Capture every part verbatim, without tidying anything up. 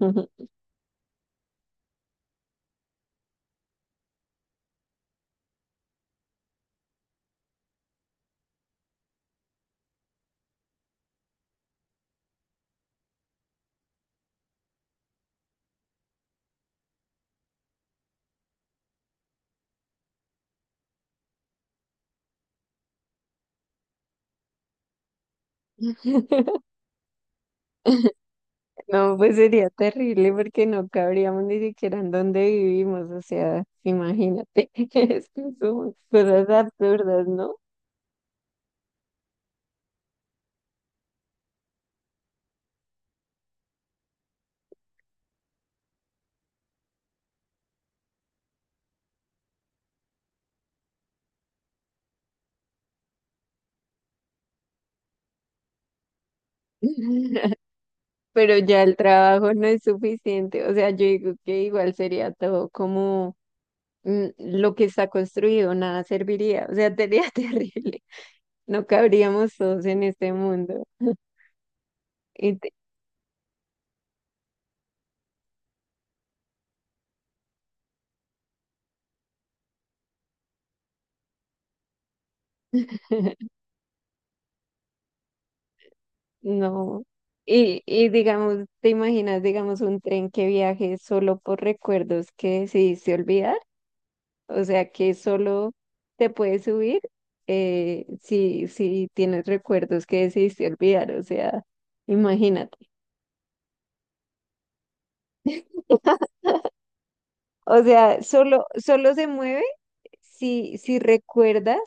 Ujú. No, pues sería terrible porque no cabríamos ni siquiera en donde vivimos, o sea, imagínate, es que son cosas absurdas, ¿no? Pero ya el trabajo no es suficiente, o sea, yo digo que igual sería todo como mm, lo que está construido, nada serviría, o sea, sería terrible, no cabríamos todos en este mundo. Y te- No. Y, y digamos, ¿te imaginas, digamos, un tren que viaje solo por recuerdos que decidiste olvidar? O sea, que solo te puedes subir eh, si, si tienes recuerdos que decidiste olvidar. O sea, imagínate. O sea, solo, solo se mueve si, si recuerdas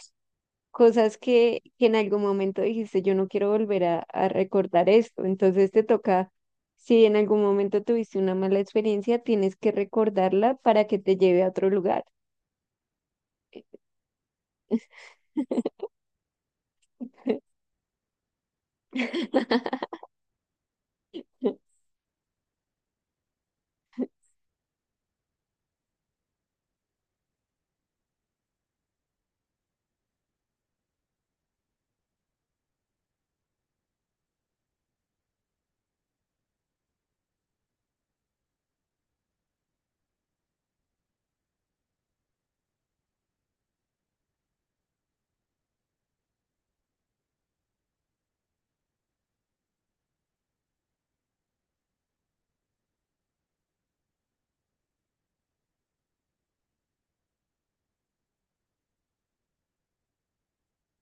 cosas que, que en algún momento dijiste, yo no quiero volver a, a recordar esto. Entonces te toca, si en algún momento tuviste una mala experiencia, tienes que recordarla para que te lleve a otro lugar.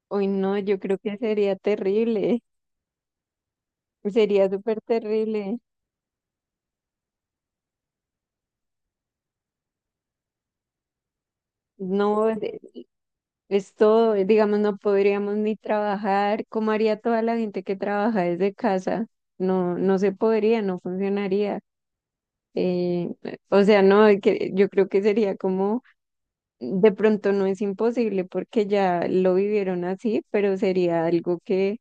Hoy no, yo creo que sería terrible, sería súper terrible. No, de- Es todo, digamos, no podríamos ni trabajar. ¿Cómo haría toda la gente que trabaja desde casa? No, no se podría, no funcionaría. Eh, o sea, no, que yo creo que sería como, de pronto no es imposible porque ya lo vivieron así, pero sería algo que,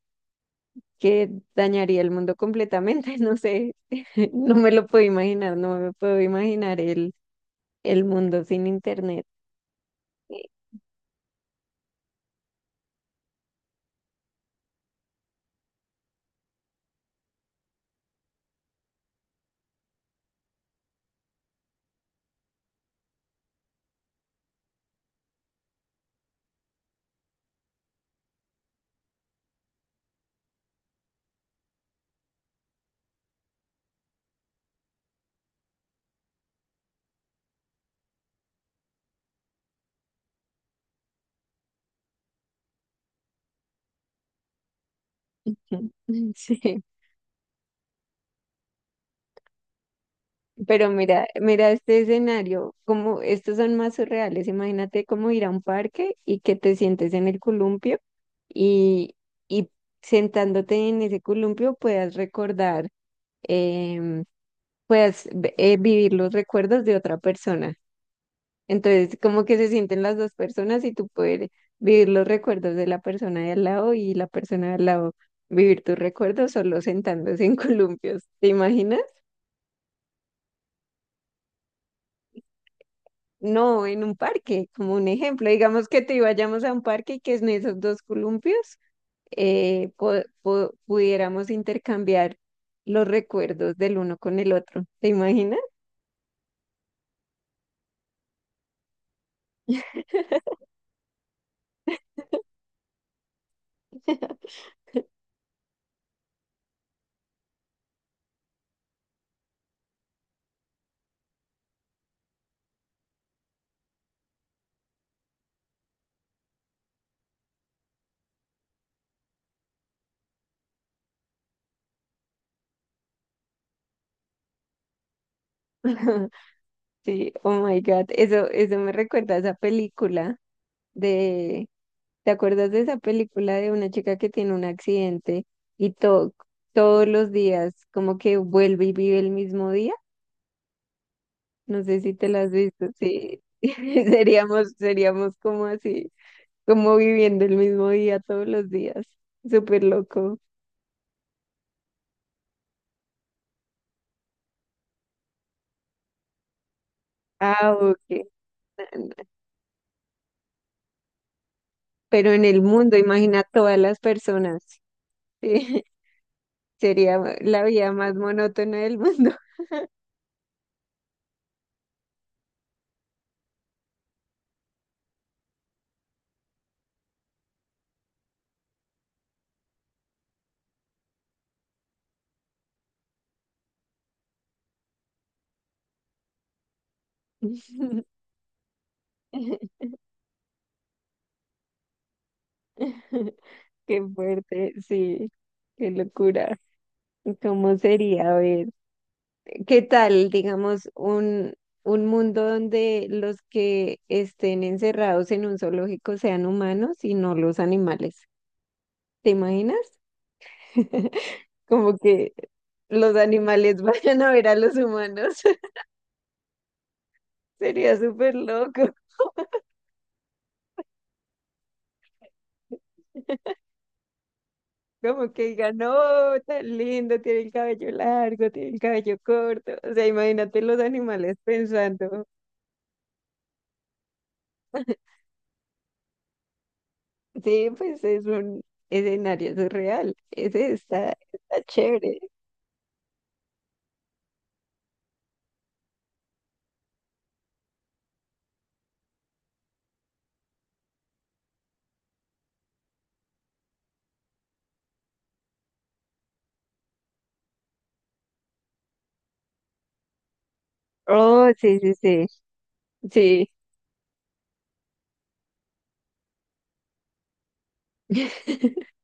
que dañaría el mundo completamente, no sé, no me lo puedo imaginar, no me puedo imaginar el, el mundo sin internet. Sí. Pero mira, mira este escenario, como estos son más surreales. Imagínate cómo ir a un parque y que te sientes en el columpio y, y sentándote en ese columpio puedas recordar, em, puedas ve- eh, vivir los recuerdos de otra persona. Entonces, como que se sienten las dos personas y tú puedes vivir los recuerdos de la persona de al lado y la persona de al lado vivir tus recuerdos solo sentándose en columpios. ¿Te imaginas? No, en un parque, como un ejemplo, digamos que te vayamos a un parque y que en esos dos columpios eh, po- po- pudiéramos intercambiar los recuerdos del uno con el otro. ¿Te imaginas? Sí, oh my God, eso, eso me recuerda a esa película de, ¿te acuerdas de esa película de una chica que tiene un accidente y to- todos los días como que vuelve y vive el mismo día? No sé si te la has visto, sí, seríamos, seríamos como así. Como viviendo el mismo día todos los días. Súper loco. Ah, ok. Pero en el mundo, imagina todas las personas. Sí, sería la vida más monótona del mundo. Qué fuerte, sí. Qué locura. ¿Cómo sería? A ver, ¿qué tal, digamos, un, un mundo donde los que estén encerrados en un zoológico sean humanos y no los animales? ¿Te imaginas? Como que los animales vayan a ver a los humanos. Sería súper loco. Como que digan, no, tan lindo, tiene el cabello largo, tiene el cabello corto. O sea, imagínate los animales pensando. Sí, pues es un escenario surreal. Ese está, está chévere. Oh, sí, sí, sí. Sí.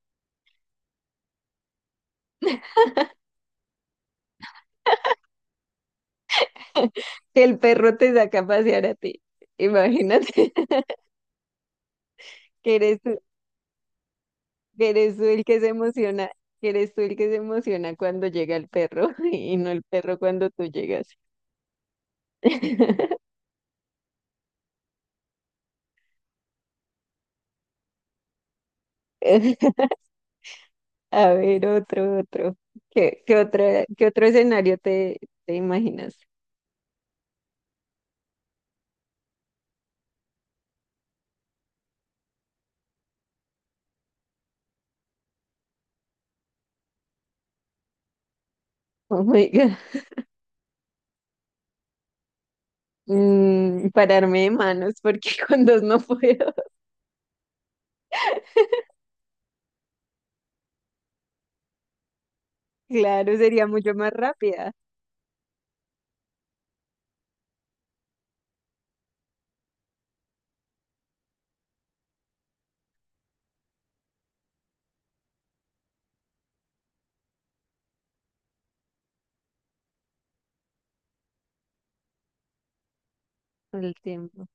Que el perro te saca a pasear a ti. Imagínate que eres que eres tú el que se emociona, que eres tú el que se emociona cuando llega el perro y no el perro cuando tú llegas. A ver, otro, otro. ¿Qué, qué otra, qué otro escenario te, te imaginas? Oh my God. Mm, pararme de manos porque con dos no puedo. Claro, sería mucho más rápida con el tiempo.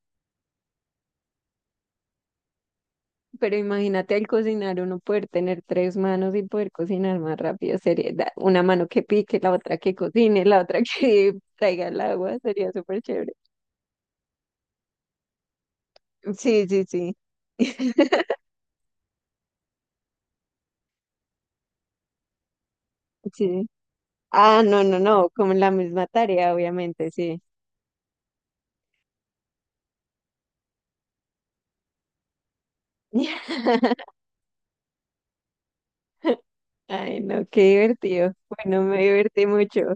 Pero imagínate al cocinar uno poder tener tres manos y poder cocinar más rápido. Sería da- una mano que pique, la otra que cocine, la otra que traiga el agua. Sería súper chévere. Sí, sí, sí. Sí. Ah, no, no, no. Como la misma tarea, obviamente, sí. Ay, no, qué divertido. Bueno, me divertí mucho.